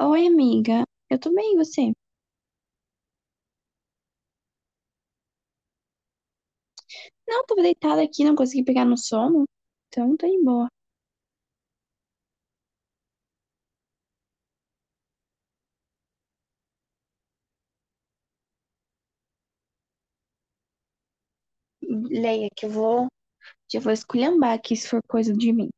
Oi, amiga. Eu tô bem, e você? Não, tava deitada aqui, não consegui pegar no sono. Então, tá de boa. Leia, que eu vou. Já vou esculhambar aqui se for coisa de mim.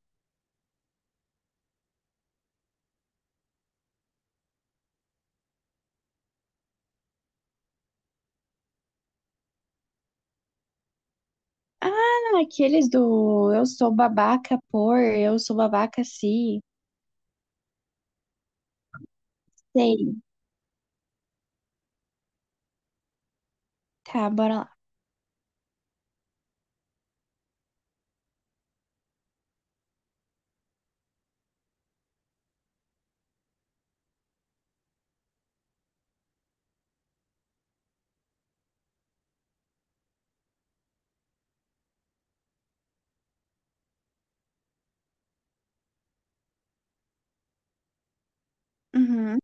Ah, aqueles do eu sou babaca por, eu sou babaca se. Sei. Tá, bora lá. Uhum,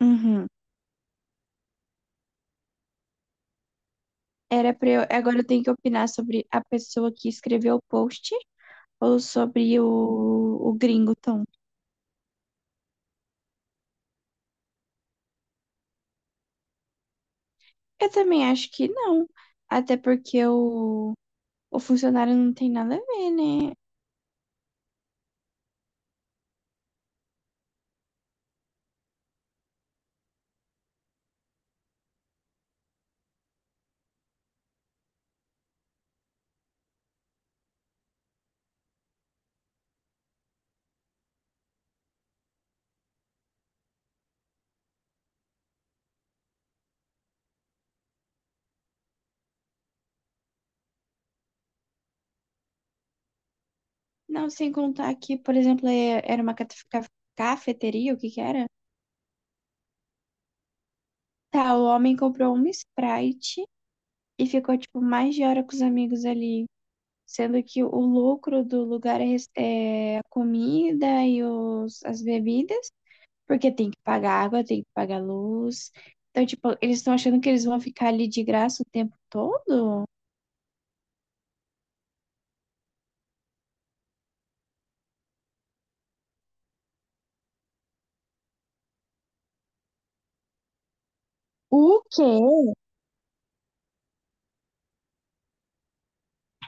uhum. Era pra eu. Agora eu tenho que opinar sobre a pessoa que escreveu o post ou sobre o gringo Tom. Eu também acho que não. Até porque o. O funcionário não tem nada a ver, né? Não, sem contar que, por exemplo, era uma cafeteria, o que que era? Tá, o homem comprou uma Sprite e ficou, tipo, mais de hora com os amigos ali. Sendo que o lucro do lugar é a comida e as bebidas, porque tem que pagar água, tem que pagar luz. Então, tipo, eles estão achando que eles vão ficar ali de graça o tempo todo? O quê?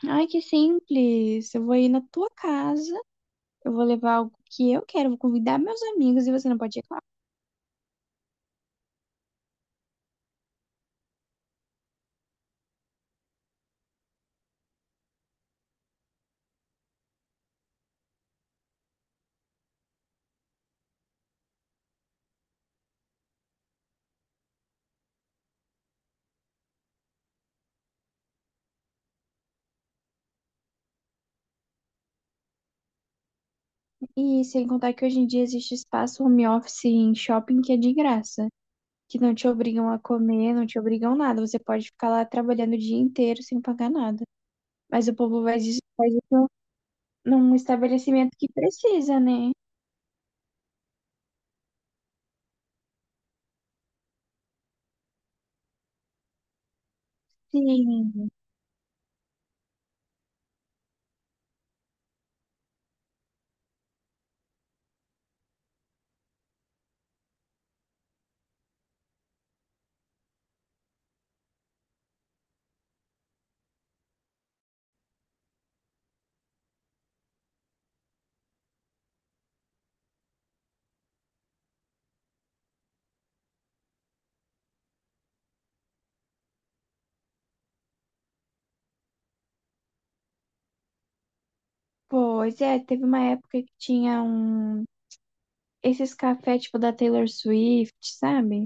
Ai, que simples. Eu vou ir na tua casa. Eu vou levar algo que eu quero, vou convidar meus amigos e você não pode ir, claro. E sem contar que hoje em dia existe espaço home office em shopping que é de graça, que não te obrigam a comer, não te obrigam nada. Você pode ficar lá trabalhando o dia inteiro sem pagar nada. Mas o povo faz isso num estabelecimento que precisa, né? Sim, pois é, teve uma época que tinha esses cafés tipo da Taylor Swift, sabe?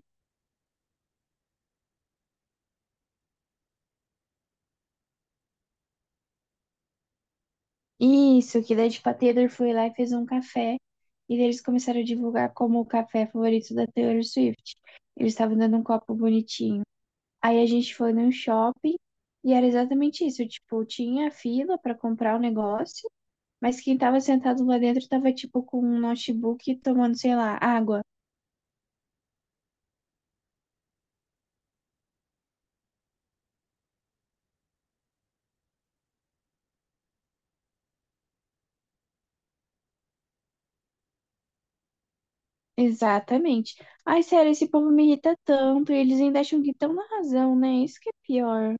Isso, que daí, tipo, a Taylor foi lá e fez um café. E daí eles começaram a divulgar como o café favorito da Taylor Swift. Eles estavam dando um copo bonitinho. Aí a gente foi num shopping e era exatamente isso. Tipo, tinha fila para comprar o negócio, mas quem tava sentado lá dentro tava, tipo, com um notebook tomando, sei lá, água. Exatamente. Ai, sério, esse povo me irrita tanto. E eles ainda acham que estão na razão, né? Isso que é pior.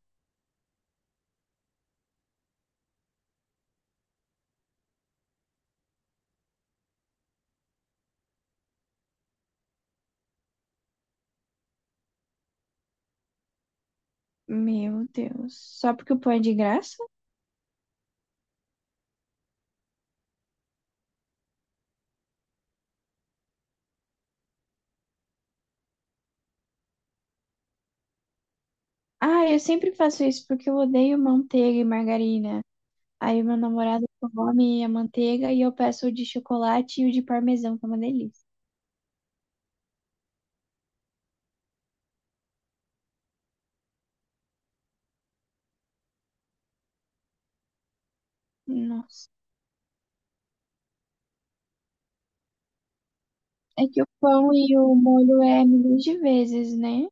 Meu Deus. Só porque o pão é de graça? Ah, eu sempre faço isso porque eu odeio manteiga e margarina. Aí meu namorado come a manteiga e eu peço o de chocolate e o de parmesão, que é uma delícia. Nossa. É que o pão e o molho é milhões de vezes, né?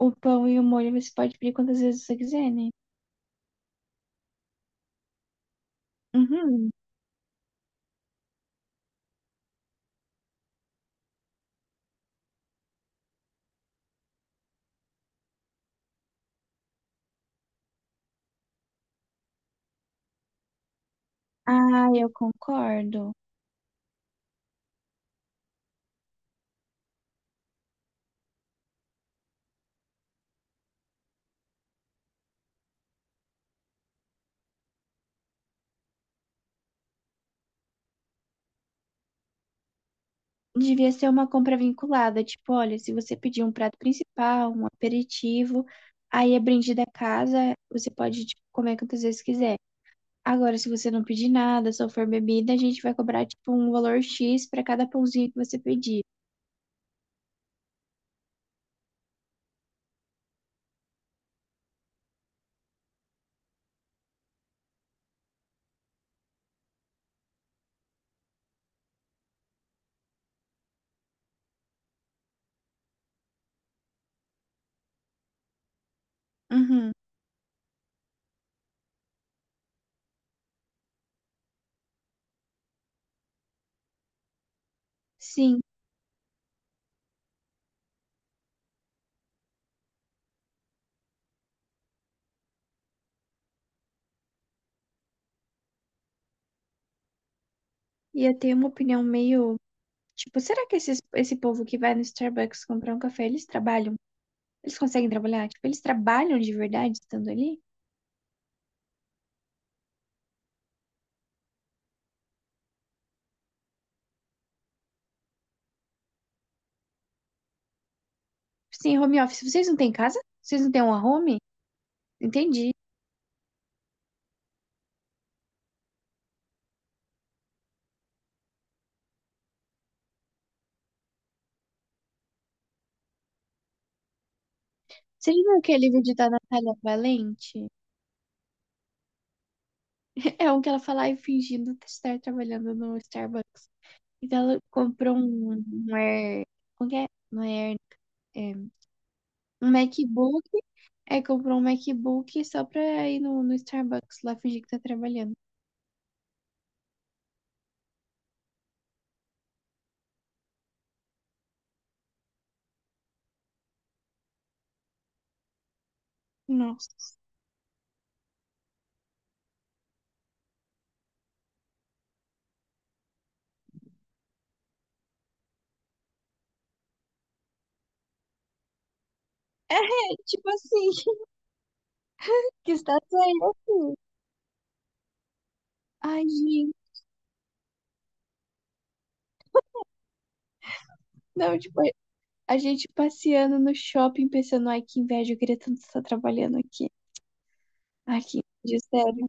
O pão e o molho você pode pedir quantas vezes você quiser, né? Uhum. Ah, eu concordo. Devia ser uma compra vinculada, tipo, olha, se você pedir um prato principal, um aperitivo, aí é brinde da casa, você pode, tipo, comer quantas vezes quiser. Agora, se você não pedir nada, só for bebida, a gente vai cobrar tipo um valor X pra cada pãozinho que você pedir. Uhum. Sim, e eu tenho uma opinião meio. Tipo, será que esse povo que vai no Starbucks comprar um café, eles trabalham? Eles conseguem trabalhar? Tipo, eles trabalham de verdade estando ali? Sim, home office. Vocês não têm casa? Vocês não têm uma home? Entendi. Você já viu aquele livro de da Natália Valente? É um que ela fala, ai, fingindo estar trabalhando no Starbucks. Então ela comprou um Air. Como que é? Não é Air, é, um MacBook. Aí comprou um MacBook só pra ir no Starbucks lá fingir que tá trabalhando. Nossa. É, tipo assim, que está saindo assim. Ai, gente. Não, tipo, a gente passeando no shopping pensando, ai, que inveja, eu queria tanto estar trabalhando aqui. Ai, que inveja, sério.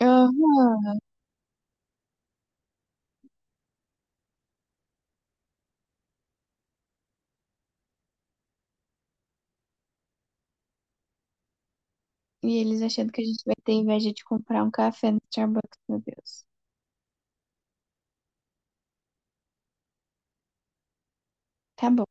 Aham. E eles achando que a gente vai ter inveja de comprar um café no Starbucks, meu Deus. Tá bom.